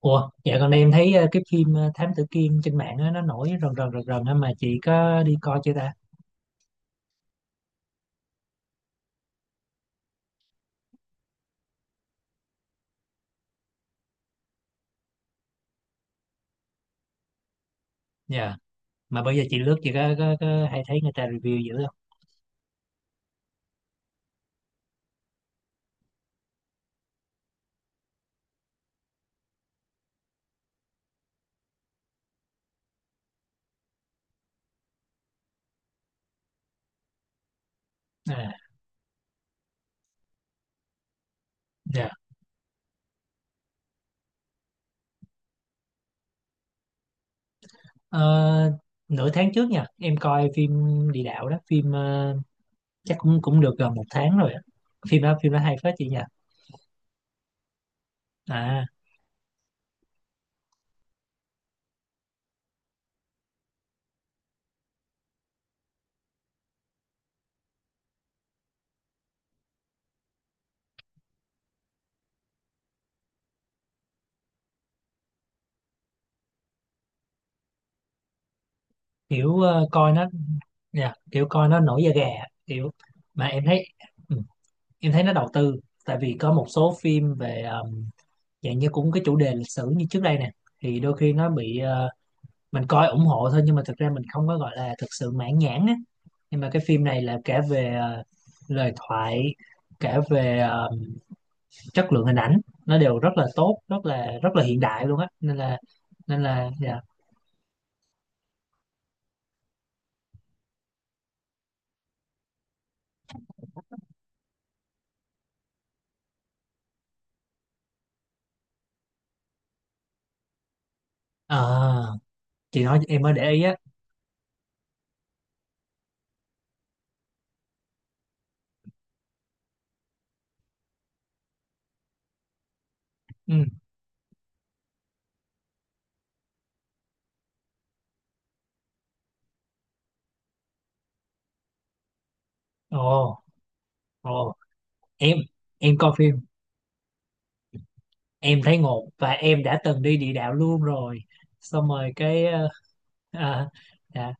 Ủa, dạ gần đây em thấy cái phim Thám Tử Kiên trên mạng á, nó nổi rần rần rần rần á, mà chị có đi coi chưa ta? Dạ. Mà bây giờ chị lướt chị có hay thấy người ta review dữ không? À, dạ. Ờ, Nửa tháng trước nha, em coi phim Địa Đạo đó, phim chắc cũng cũng được gần một tháng rồi á. Phim đó hay phết chị nha. À, kiểu ờ, coi nó dạ, kiểu coi nó nổi da gà kiểu mà em thấy ừ, nó đầu tư, tại vì có một số phim về dạng như cũng cái chủ đề lịch sử như trước đây nè thì đôi khi nó bị mình coi ủng hộ thôi, nhưng mà thực ra mình không có gọi là thực sự mãn nhãn á. Nhưng mà cái phim này là kể về lời thoại, kể về chất lượng hình ảnh, nó đều rất là tốt, rất là hiện đại luôn á, nên là dạ. Ờ, chị nói em mới để ý á. Ừ. Ồ. Ồ. Em coi phim, em thấy ngột, và em đã từng đi địa đạo luôn rồi. Xong rồi cái à, dạ.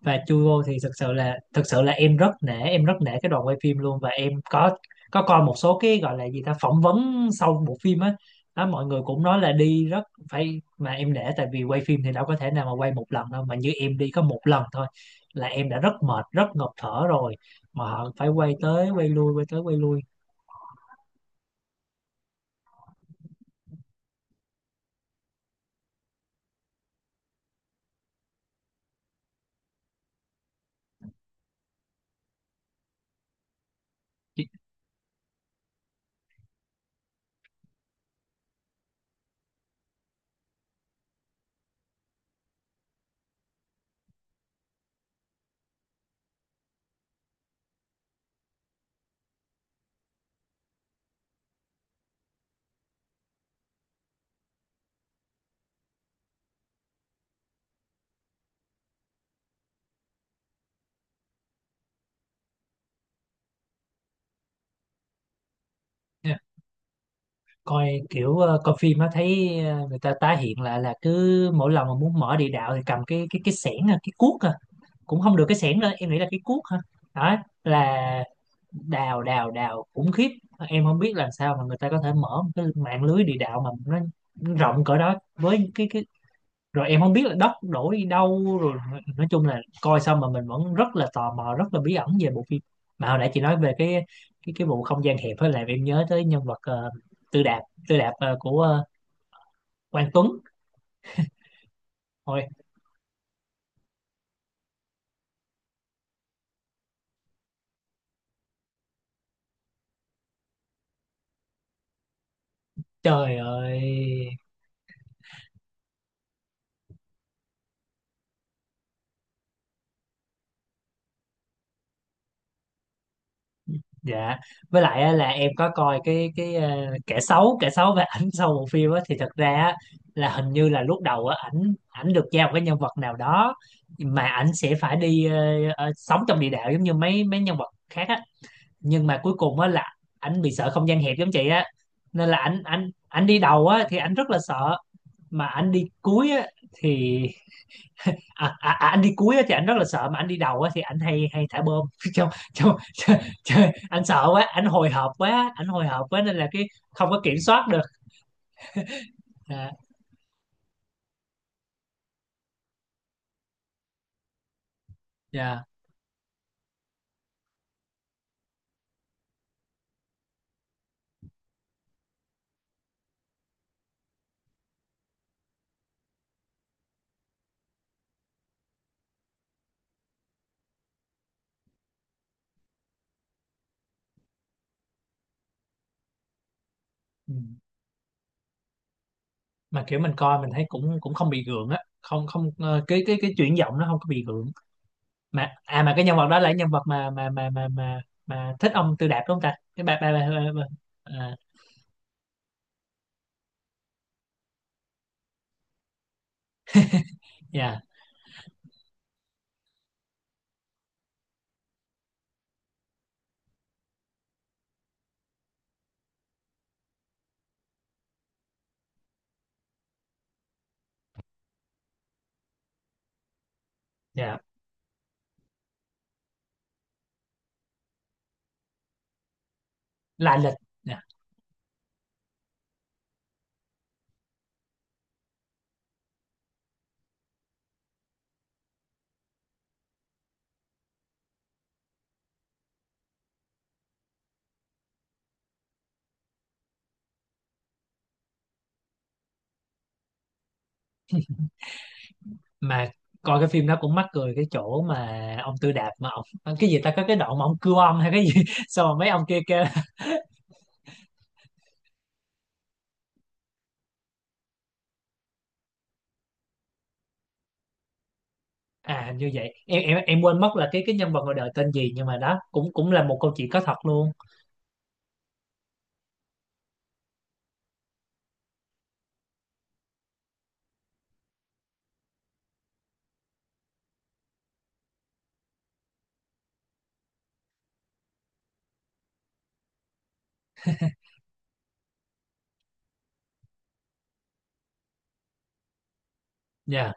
Và chui vô thì thực sự là em rất nể cái đoàn quay phim luôn. Và em có coi một số cái gọi là gì ta, phỏng vấn sau bộ phim á. Đó, mọi người cũng nói là đi rất phải, mà em nể tại vì quay phim thì đâu có thể nào mà quay một lần đâu, mà như em đi có một lần thôi là em đã rất mệt rất ngộp thở rồi, mà họ phải quay tới quay lui, quay tới quay lui. Chị- Coi kiểu coi phim á thấy người ta tái hiện lại là cứ mỗi lần mà muốn mở địa đạo thì cầm cái xẻng à, cái cuốc à, cũng không được. Cái xẻng lên, em nghĩ là cái cuốc hả? Đó là đào đào đào khủng khiếp. Em không biết làm sao mà người ta có thể mở một cái mạng lưới địa đạo mà nó rộng cỡ đó, với cái rồi em không biết là đất đổ đi đâu rồi. Nói chung là coi xong mà mình vẫn rất là tò mò, rất là bí ẩn về bộ phim. Mà hồi nãy chị nói về cái vụ không gian hẹp, với lại em nhớ tới nhân vật Tư Đạp, Tư Đạp của Quang Tuấn. Ôi trời ơi, dạ. Với lại á, là em có coi cái kẻ xấu và ảnh sau bộ phim á thì thật ra á, là hình như là lúc đầu á, ảnh ảnh được giao một cái nhân vật nào đó mà ảnh sẽ phải đi sống trong địa đạo giống như mấy mấy nhân vật khác á. Nhưng mà cuối cùng á là ảnh bị sợ không gian hẹp giống chị á, nên là ảnh ảnh ảnh đi đầu á thì ảnh rất là sợ, mà ảnh đi cuối á thì anh đi cuối á thì anh rất là sợ, mà anh đi đầu á thì anh hay hay thả bom trong trong trời, anh sợ quá, anh hồi hộp quá, anh hồi hộp quá nên là cái không có kiểm soát được. À, dạ. Ừ. Mà kiểu mình coi mình thấy cũng cũng không bị gượng á, không không ờ, cái chuyển giọng nó không có bị gượng. Mà mà cái nhân vật đó là cái nhân vật mà thích ông Tư Đạp đúng không ta? Cái bà. À, dạ, dạ, La Lịch, dạ. Mà coi cái phim đó cũng mắc cười cái chỗ mà ông Tư Đạp mà ông cái gì ta, có cái đoạn mà ông cưa ông hay cái gì xong rồi mấy ông kia kêu. À hình như vậy, em quên mất là cái nhân vật ngoài đời tên gì, nhưng mà đó cũng cũng là một câu chuyện có thật luôn. Dạ,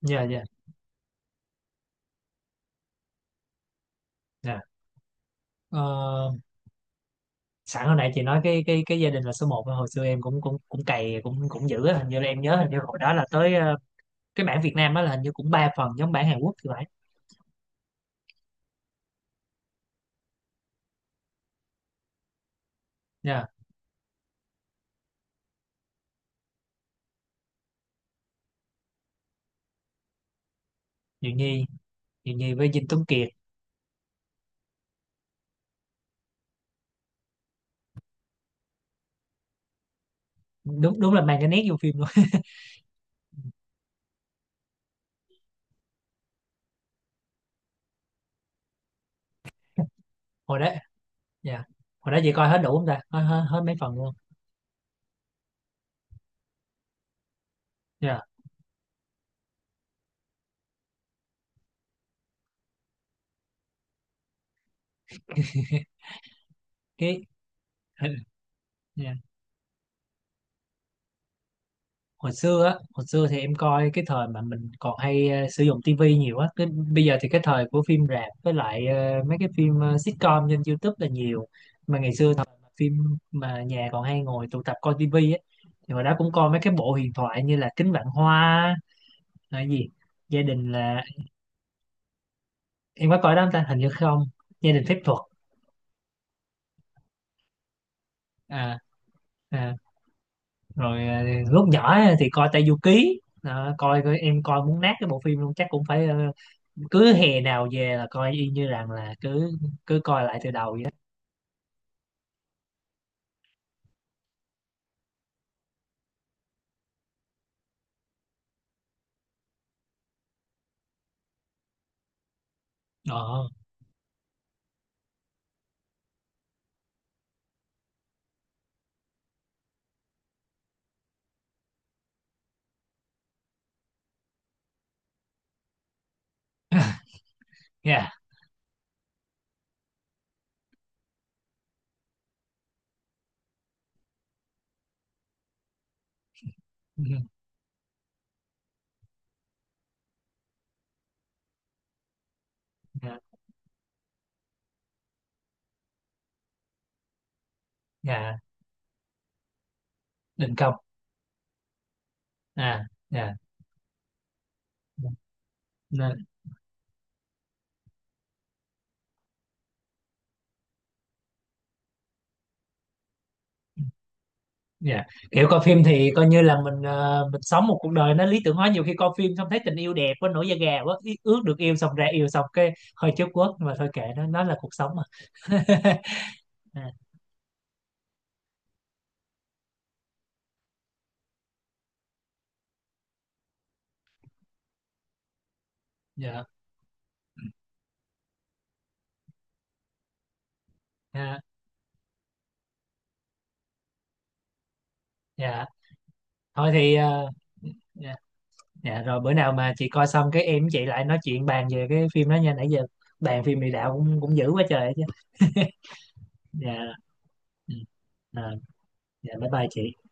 dạ, dạ, dạ. Ờ, Sẵn hồi nãy chị nói cái gia đình là số một, hồi xưa em cũng cũng cũng cày cũng cũng dữ á. Hình như là em nhớ, hình như hồi đó là tới cái bản Việt Nam đó là hình như cũng ba phần giống bản Hàn Quốc thì phải. Dạ. Diệu Nhi, Diệu Nhi với Dinh Tuấn Kiệt. Đúng, đúng là mang cái nét vô phim luôn. Hồi đó, dạ, hồi đó chị coi hết đủ không ta? Hết, hết, hết mấy phần luôn. Dạ. Cái dạ. Hồi xưa á, hồi xưa thì em coi cái thời mà mình còn hay sử dụng tivi nhiều á. Cái bây giờ thì cái thời của phim rạp, với lại mấy cái phim sitcom trên YouTube là nhiều. Mà ngày xưa thời mà phim mà nhà còn hay ngồi tụ tập coi tivi á thì hồi đó cũng coi mấy cái bộ huyền thoại như là Kính Vạn Hoa là cái gì, gia đình là em có coi đó không ta, hình như không. Gia đình phép thuật. À, à, rồi lúc nhỏ á thì coi Tayuki. Đó, coi coi- em coi muốn nát cái bộ phim luôn, chắc cũng phải cứ hè nào về là coi y như rằng là cứ cứ coi lại từ đầu vậy đó. Ờ, dạ, dạ, dạ. Đình công. À dạ. Nên- dạ, kiểu coi phim thì coi như là mình, mình sống một cuộc đời nó lý tưởng hóa, nhiều khi coi phim xong thấy tình yêu đẹp quá, nổi da gà quá, ước được yêu, xong ra yêu xong cái hơi chớp quất, mà thôi kệ nó là cuộc sống mà. À, dạ, à, dạ, thôi thì dạ, dạ, rồi bữa nào mà chị coi xong cái em với chị lại nói chuyện bàn về cái phim đó nha. Nãy giờ bàn phim mì đạo cũng cũng dữ quá trời chứ. Dạ. Ừ. Ờ, dạ, bye bye chị